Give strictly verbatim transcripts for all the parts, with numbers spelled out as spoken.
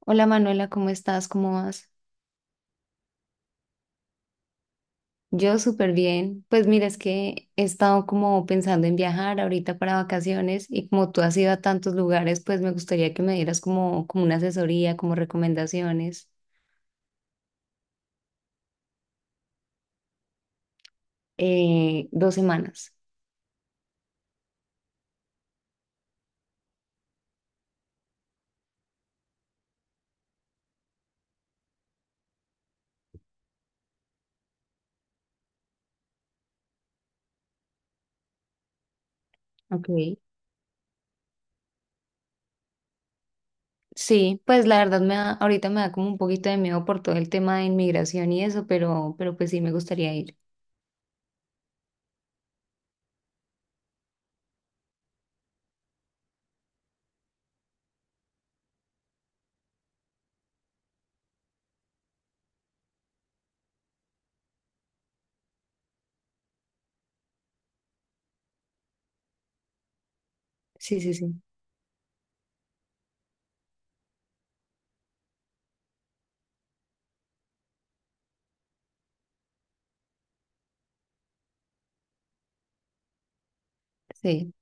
Hola Manuela, ¿cómo estás? ¿Cómo vas? Yo súper bien. Pues mira, es que he estado como pensando en viajar ahorita para vacaciones y como tú has ido a tantos lugares, pues me gustaría que me dieras como, como una asesoría, como recomendaciones. Eh, dos semanas. Ok. Sí, pues la verdad me da- ahorita me da como un poquito de miedo por todo el tema de inmigración y eso, pero, pero pues sí me gustaría ir. Sí, sí, sí. Sí,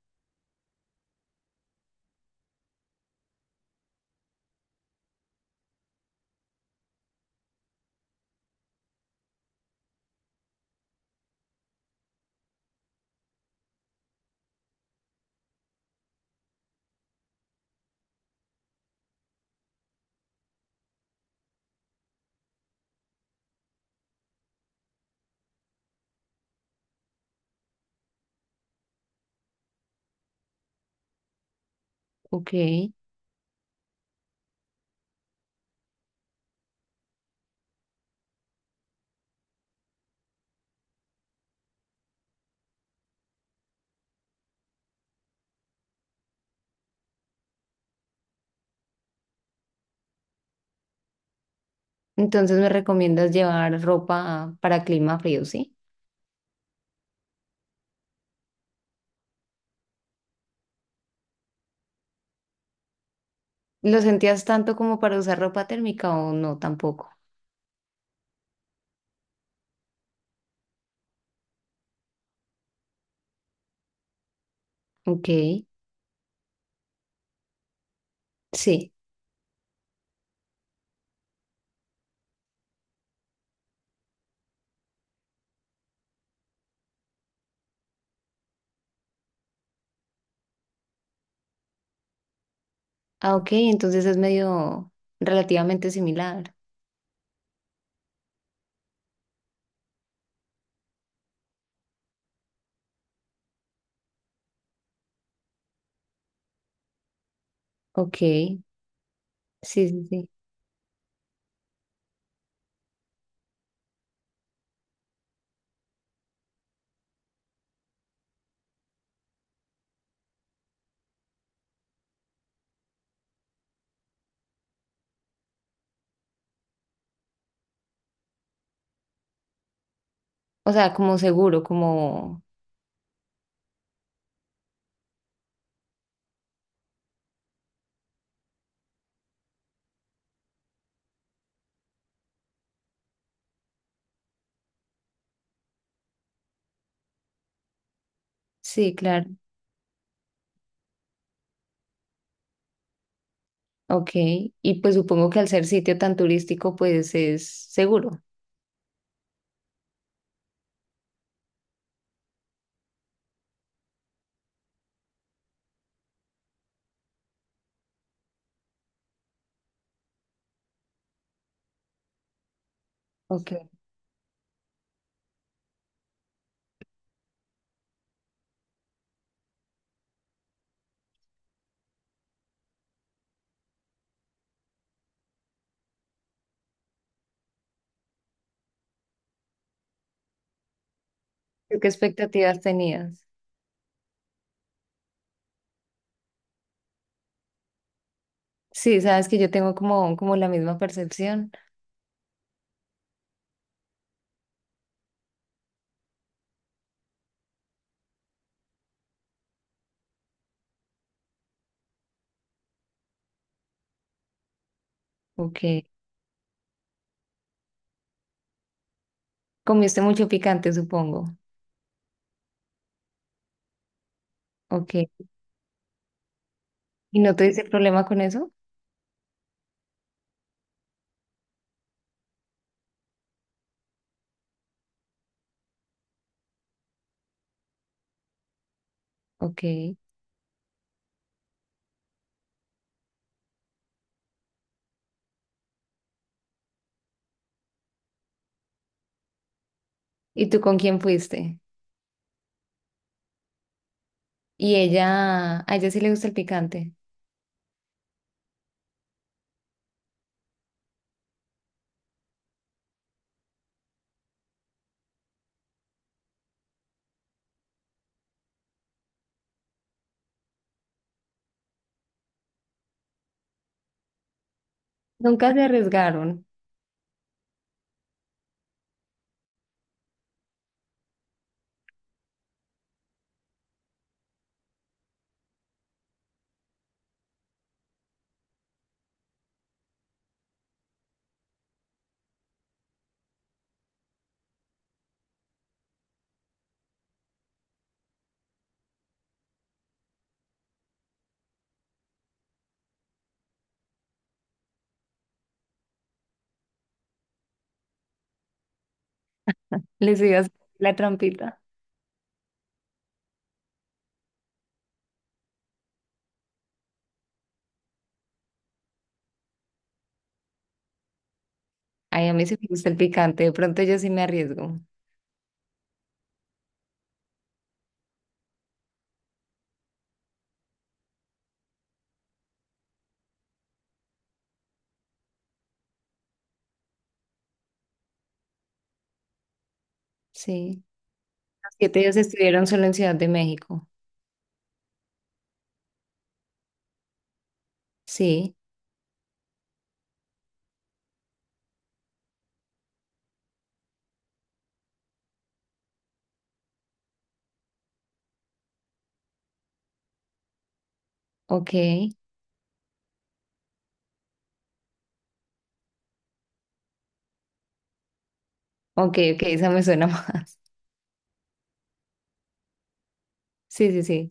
ok. Entonces me recomiendas llevar ropa para clima frío, ¿sí? ¿Lo sentías tanto como para usar ropa térmica o no tampoco? Ok, sí. Ah, ok, entonces es medio relativamente similar. Ok, sí, sí, sí. O sea, como seguro, como... Sí, claro. Ok, y pues supongo que al ser sitio tan turístico, pues es seguro. Ok. ¿Tú ¿Qué expectativas tenías? Sí, sabes que yo tengo como, como la misma percepción. Ok. Comiste mucho picante, supongo. Ok. ¿Y no tuviste problema con eso? Ok. ¿Y tú con quién fuiste? Y ella, a ella sí le gusta el picante. Nunca se arriesgaron. Les iba a hacer la trampita. Ay, a mí sí me gusta el picante. De pronto yo sí me arriesgo. Sí. Los siete días estuvieron solo en Ciudad de México. Sí. Ok. Ok, ok. Esa me suena más. Sí, sí, sí.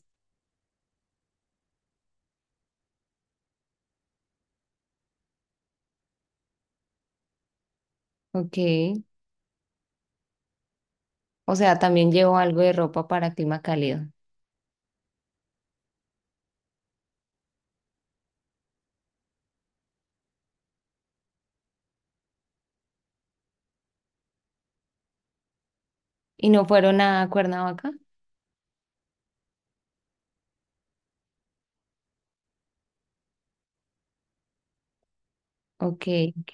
Ok. O sea, también llevo algo de ropa para clima cálido. ¿Y no fueron a Cuernavaca? Ok, ok.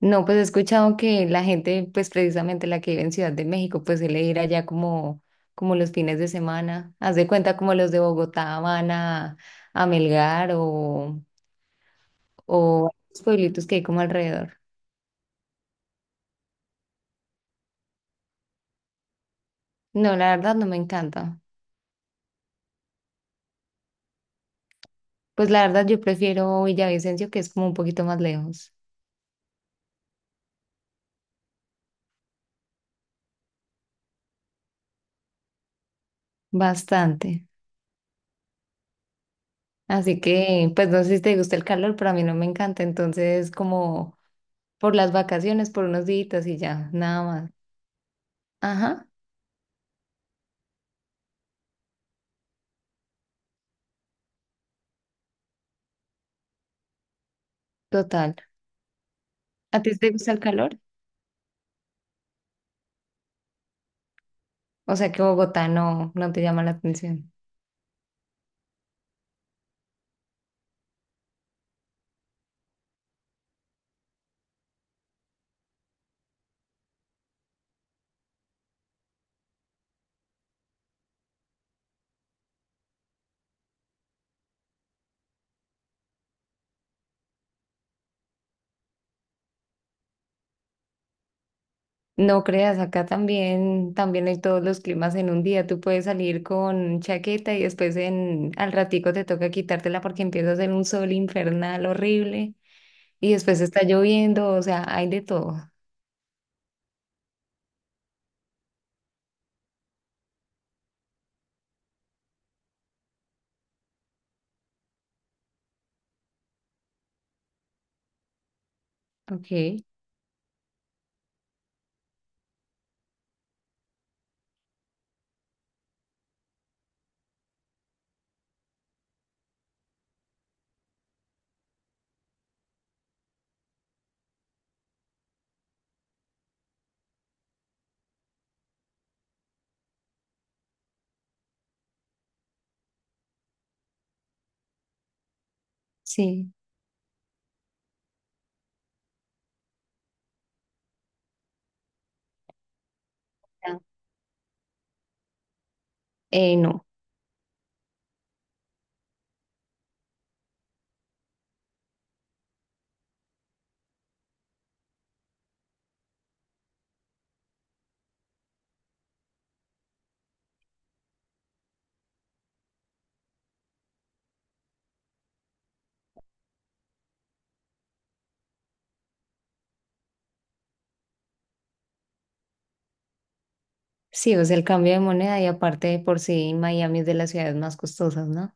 No, pues he escuchado que la gente, pues precisamente la que vive en Ciudad de México, pues suele ir allá como, como los fines de semana. Haz de cuenta como los de Bogotá van a, a Melgar o, o a los pueblitos que hay como alrededor. No, la verdad no me encanta. Pues la verdad yo prefiero Villavicencio, que es como un poquito más lejos. Bastante. Así que, pues no sé si te gusta el calor, pero a mí no me encanta. Entonces, como por las vacaciones, por unos días y ya, nada más. Ajá, total. ¿A ti te gusta el calor? O sea que Bogotá no, no te llama la atención. No creas, acá también, también hay todos los climas en un día. Tú puedes salir con chaqueta y después en, al ratico te toca quitártela porque empieza a hacer un sol infernal horrible y después está lloviendo, o sea, hay de todo. Ok, sí. Ya. Eh, no, sí, o sea, el cambio de moneda y aparte de por sí Miami es de las ciudades más costosas, ¿no?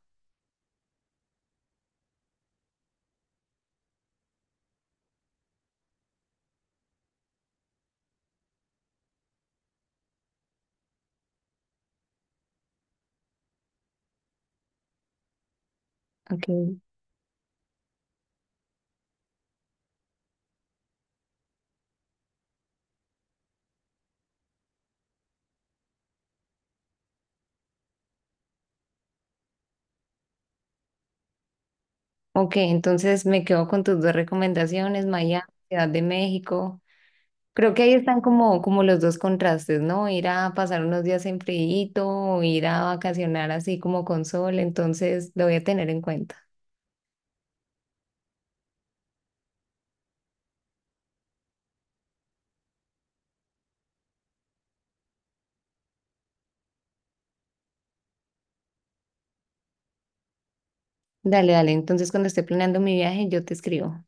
Ok. Ok, entonces me quedo con tus dos recomendaciones, Miami, Ciudad de México. Creo que ahí están como, como los dos contrastes, ¿no? Ir a pasar unos días en friito, o ir a vacacionar así como con sol, entonces lo voy a tener en cuenta. Dale, dale, entonces cuando esté planeando mi viaje yo te escribo.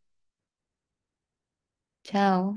Chao.